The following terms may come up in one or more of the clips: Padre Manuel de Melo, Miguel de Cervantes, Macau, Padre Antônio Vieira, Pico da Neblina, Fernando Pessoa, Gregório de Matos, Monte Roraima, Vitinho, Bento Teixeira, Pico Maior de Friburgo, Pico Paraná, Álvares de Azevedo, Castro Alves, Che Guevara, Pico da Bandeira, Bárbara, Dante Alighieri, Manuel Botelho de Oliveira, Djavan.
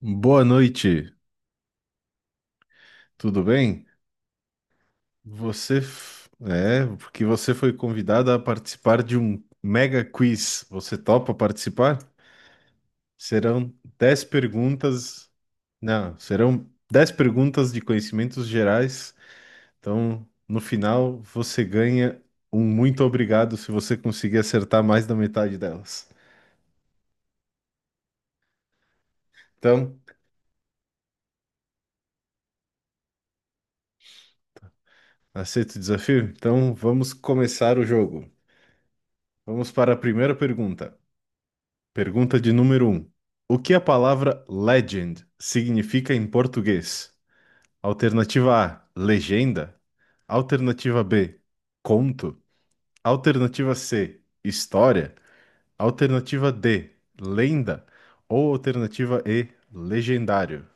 Boa noite, tudo bem? É porque você foi convidada a participar de um mega quiz. Você topa participar? Serão 10 perguntas. Não, serão 10 perguntas de conhecimentos gerais. Então, no final, você ganha um muito obrigado se você conseguir acertar mais da metade delas. Então, aceita o desafio? Então, vamos começar o jogo. Vamos para a primeira pergunta. Pergunta de número um: o que a palavra legend significa em português? Alternativa A, legenda. Alternativa B, conto. Alternativa C, história. Alternativa D, lenda. Ou alternativa E, legendário.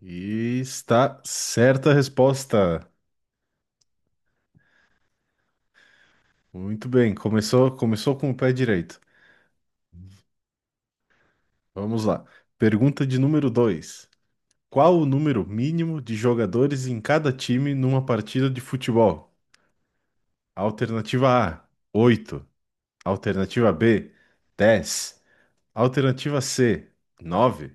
E está certa a resposta. Muito bem, começou com o pé direito. Vamos lá. Pergunta de número 2. Qual o número mínimo de jogadores em cada time numa partida de futebol? Alternativa A, 8. Alternativa B, 10. Alternativa C, 9.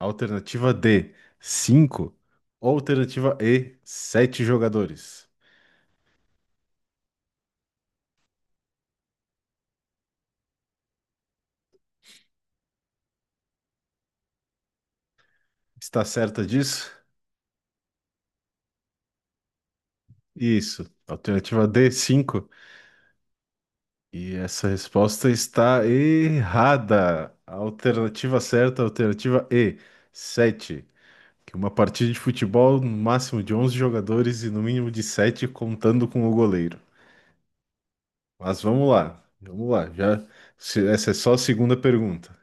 Alternativa D, cinco. Ou Alternativa E, 7 jogadores. Está certa disso? Isso. Alternativa D, 5. E essa resposta está errada. A Alternativa certa, alternativa E, 7. Que uma partida de futebol, no máximo de 11 jogadores e no mínimo de 7 contando com o goleiro. Mas vamos lá, vamos lá. Já, se- Essa é só a segunda pergunta.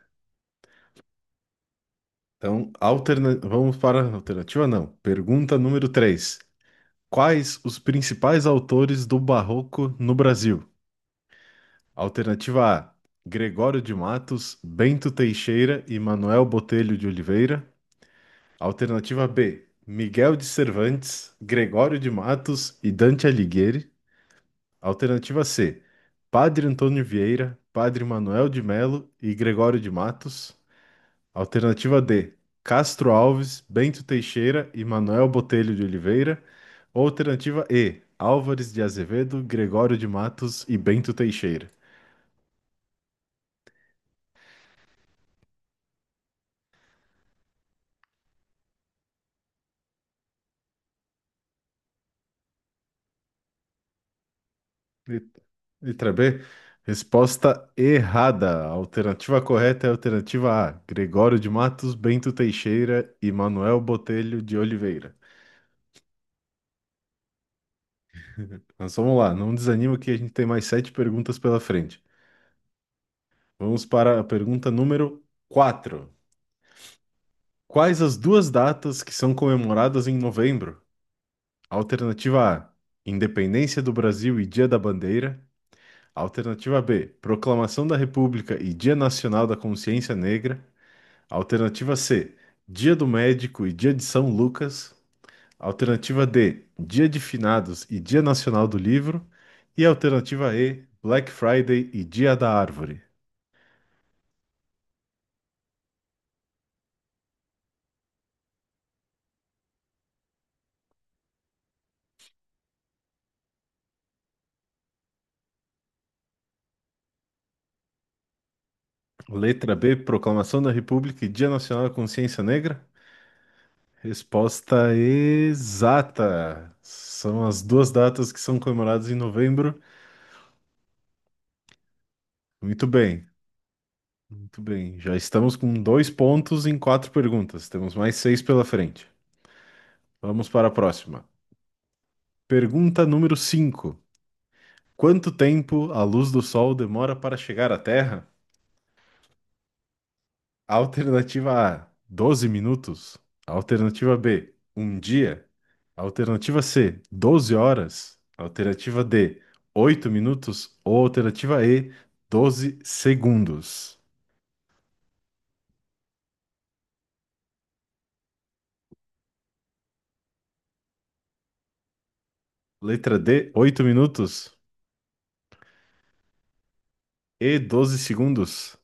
Então, vamos para a alternativa, não. Pergunta número 3. Quais os principais autores do Barroco no Brasil? Alternativa A: Gregório de Matos, Bento Teixeira e Manuel Botelho de Oliveira. Alternativa B: Miguel de Cervantes, Gregório de Matos e Dante Alighieri. Alternativa C: Padre Antônio Vieira, Padre Manuel de Melo e Gregório de Matos. Alternativa D: Castro Alves, Bento Teixeira e Manuel Botelho de Oliveira. Alternativa E: Álvares de Azevedo, Gregório de Matos e Bento Teixeira. Lit- Letra B: resposta errada. A alternativa correta é a alternativa A: Gregório de Matos, Bento Teixeira e Manuel Botelho de Oliveira. Mas vamos lá, não desanima que a gente tem mais sete perguntas pela frente. Vamos para a pergunta número 4. Quais as duas datas que são comemoradas em novembro? Alternativa A: Independência do Brasil e Dia da Bandeira. Alternativa B: Proclamação da República e Dia Nacional da Consciência Negra. Alternativa C: Dia do Médico e Dia de São Lucas. Alternativa D: Dia de Finados e Dia Nacional do Livro. E alternativa E: Black Friday e Dia da Árvore. Letra B, Proclamação da República e Dia Nacional da Consciência Negra? Resposta exata. São as duas datas que são comemoradas em novembro. Muito bem, muito bem. Já estamos com dois pontos em quatro perguntas. Temos mais seis pela frente. Vamos para a próxima. Pergunta número 5. Quanto tempo a luz do sol demora para chegar à Terra? Alternativa A, 12 minutos. Alternativa B, um dia. Alternativa C, 12 horas. Alternativa D, 8 minutos. Ou alternativa E, 12 segundos. Letra D, 8 minutos e 12 segundos.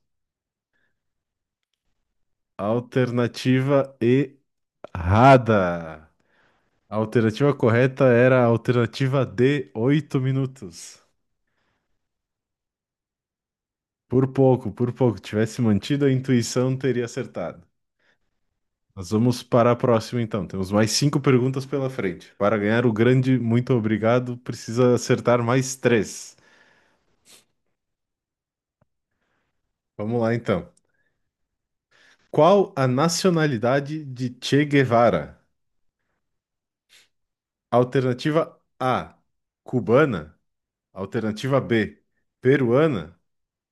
Alternativa errada. A alternativa correta era a alternativa D, 8 minutos. Por pouco, por pouco. Tivesse mantido a intuição, teria acertado. Nós vamos para a próxima, então. Temos mais cinco perguntas pela frente. Para ganhar o grande muito obrigado, precisa acertar mais três. Vamos lá, então. Qual a nacionalidade de Che Guevara? Alternativa A, cubana. Alternativa B, peruana.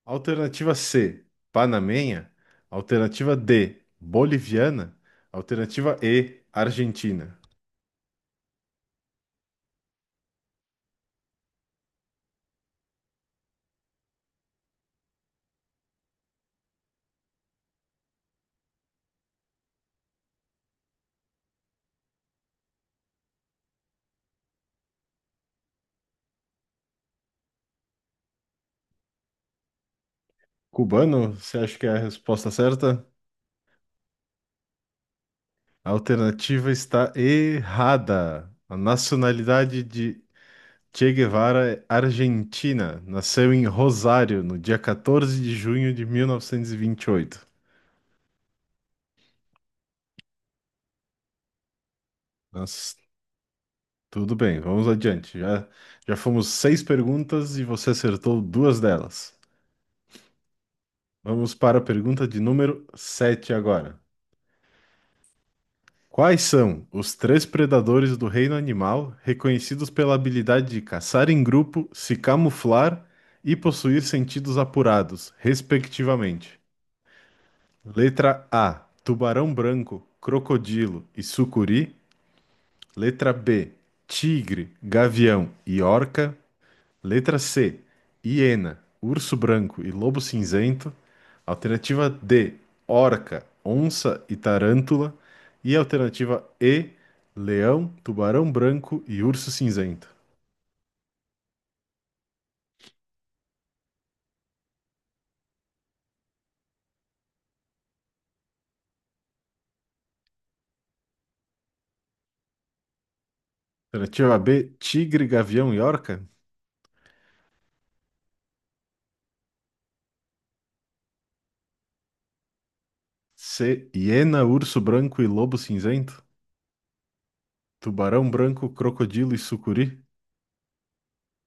Alternativa C, panamenha. Alternativa D, boliviana. Alternativa E, argentina. Cubano, você acha que é a resposta certa? A alternativa está errada. A nacionalidade de Che Guevara é argentina. Nasceu em Rosário no dia 14 de junho de 1928. Mas tudo bem, vamos adiante. Já fomos seis perguntas e você acertou duas delas. Vamos para a pergunta de número 7 agora. Quais são os três predadores do reino animal reconhecidos pela habilidade de caçar em grupo, se camuflar e possuir sentidos apurados, respectivamente? Letra A: tubarão branco, crocodilo e sucuri. Letra B: tigre, gavião e orca. Letra C, hiena, urso branco e lobo cinzento. Alternativa D, orca, onça e tarântula. E alternativa E, leão, tubarão branco e urso cinzento. Alternativa B, tigre, gavião e orca. C, hiena, urso branco e lobo cinzento. Tubarão branco, crocodilo e sucuri.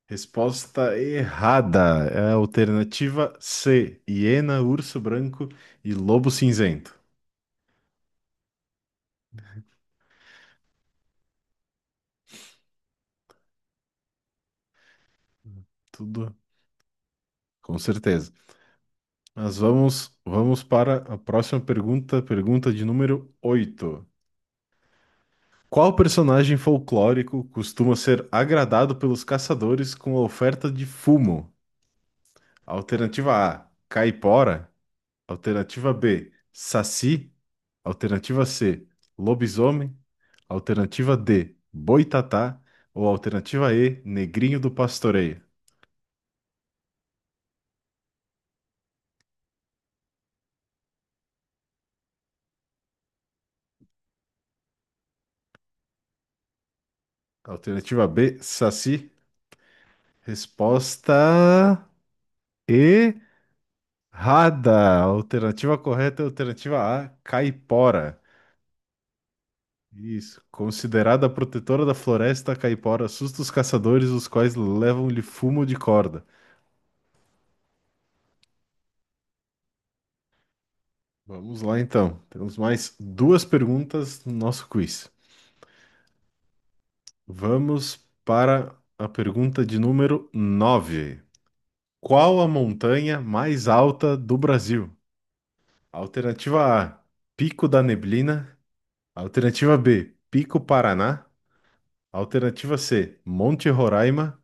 Resposta errada. É a alternativa C, hiena, urso branco e lobo cinzento. Tudo com certeza. Mas vamos para a próxima pergunta, pergunta de número 8. Qual personagem folclórico costuma ser agradado pelos caçadores com a oferta de fumo? Alternativa A, caipora. Alternativa B, saci. Alternativa C, lobisomem. Alternativa D, boitatá. Ou alternativa E, negrinho do pastoreio. Alternativa B, saci. Resposta E. Alternativa correta é a alternativa A, caipora. Isso, considerada protetora da floresta, a caipora assusta os caçadores, os quais levam-lhe fumo de corda. Vamos lá então. Temos mais duas perguntas no nosso quiz. Vamos para a pergunta de número 9. Qual a montanha mais alta do Brasil? Alternativa A, Pico da Neblina. Alternativa B, Pico Paraná. Alternativa C, Monte Roraima.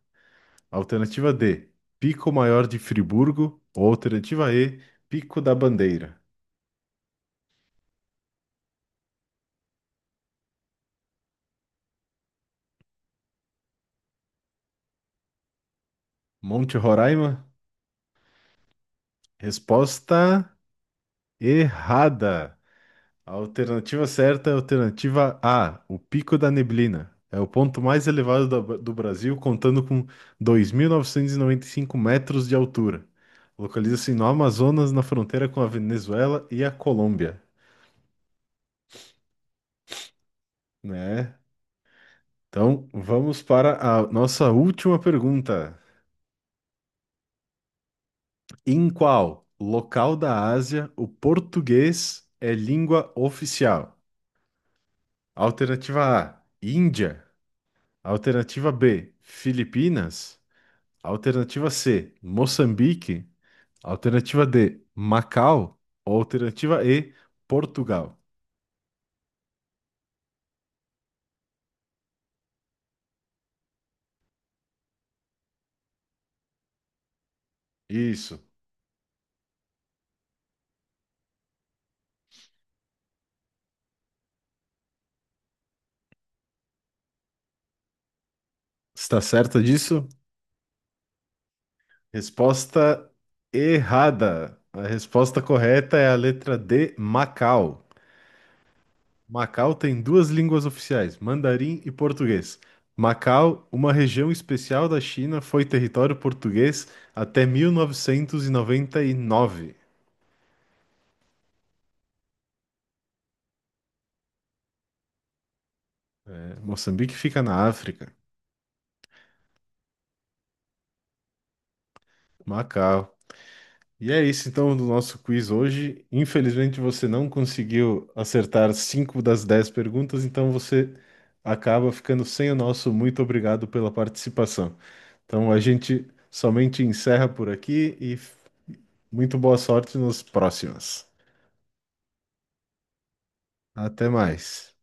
Alternativa D, Pico Maior de Friburgo. Ou alternativa E, Pico da Bandeira. Monte Roraima? Resposta errada. A alternativa certa é a alternativa A, o Pico da Neblina. É o ponto mais elevado do Brasil, contando com dois mil novecentos e noventa e cinco metros de altura. Localiza-se no Amazonas, na fronteira com a Venezuela e a Colômbia, né? Então, vamos para a nossa última pergunta. Em qual local da Ásia o português é língua oficial? Alternativa A, Índia. Alternativa B, Filipinas. Alternativa C, Moçambique. Alternativa D, Macau. Alternativa E, Portugal. Isso. Está certa disso? Resposta errada. A resposta correta é a letra D, Macau. Macau tem duas línguas oficiais, mandarim e português. Macau, uma região especial da China, foi território português até 1999. É, Moçambique fica na África. Macau. E é isso então do nosso quiz hoje. Infelizmente você não conseguiu acertar cinco das dez perguntas, então você acaba ficando sem o nosso muito obrigado pela participação. Então a gente somente encerra por aqui e muito boa sorte nos próximos. Até mais.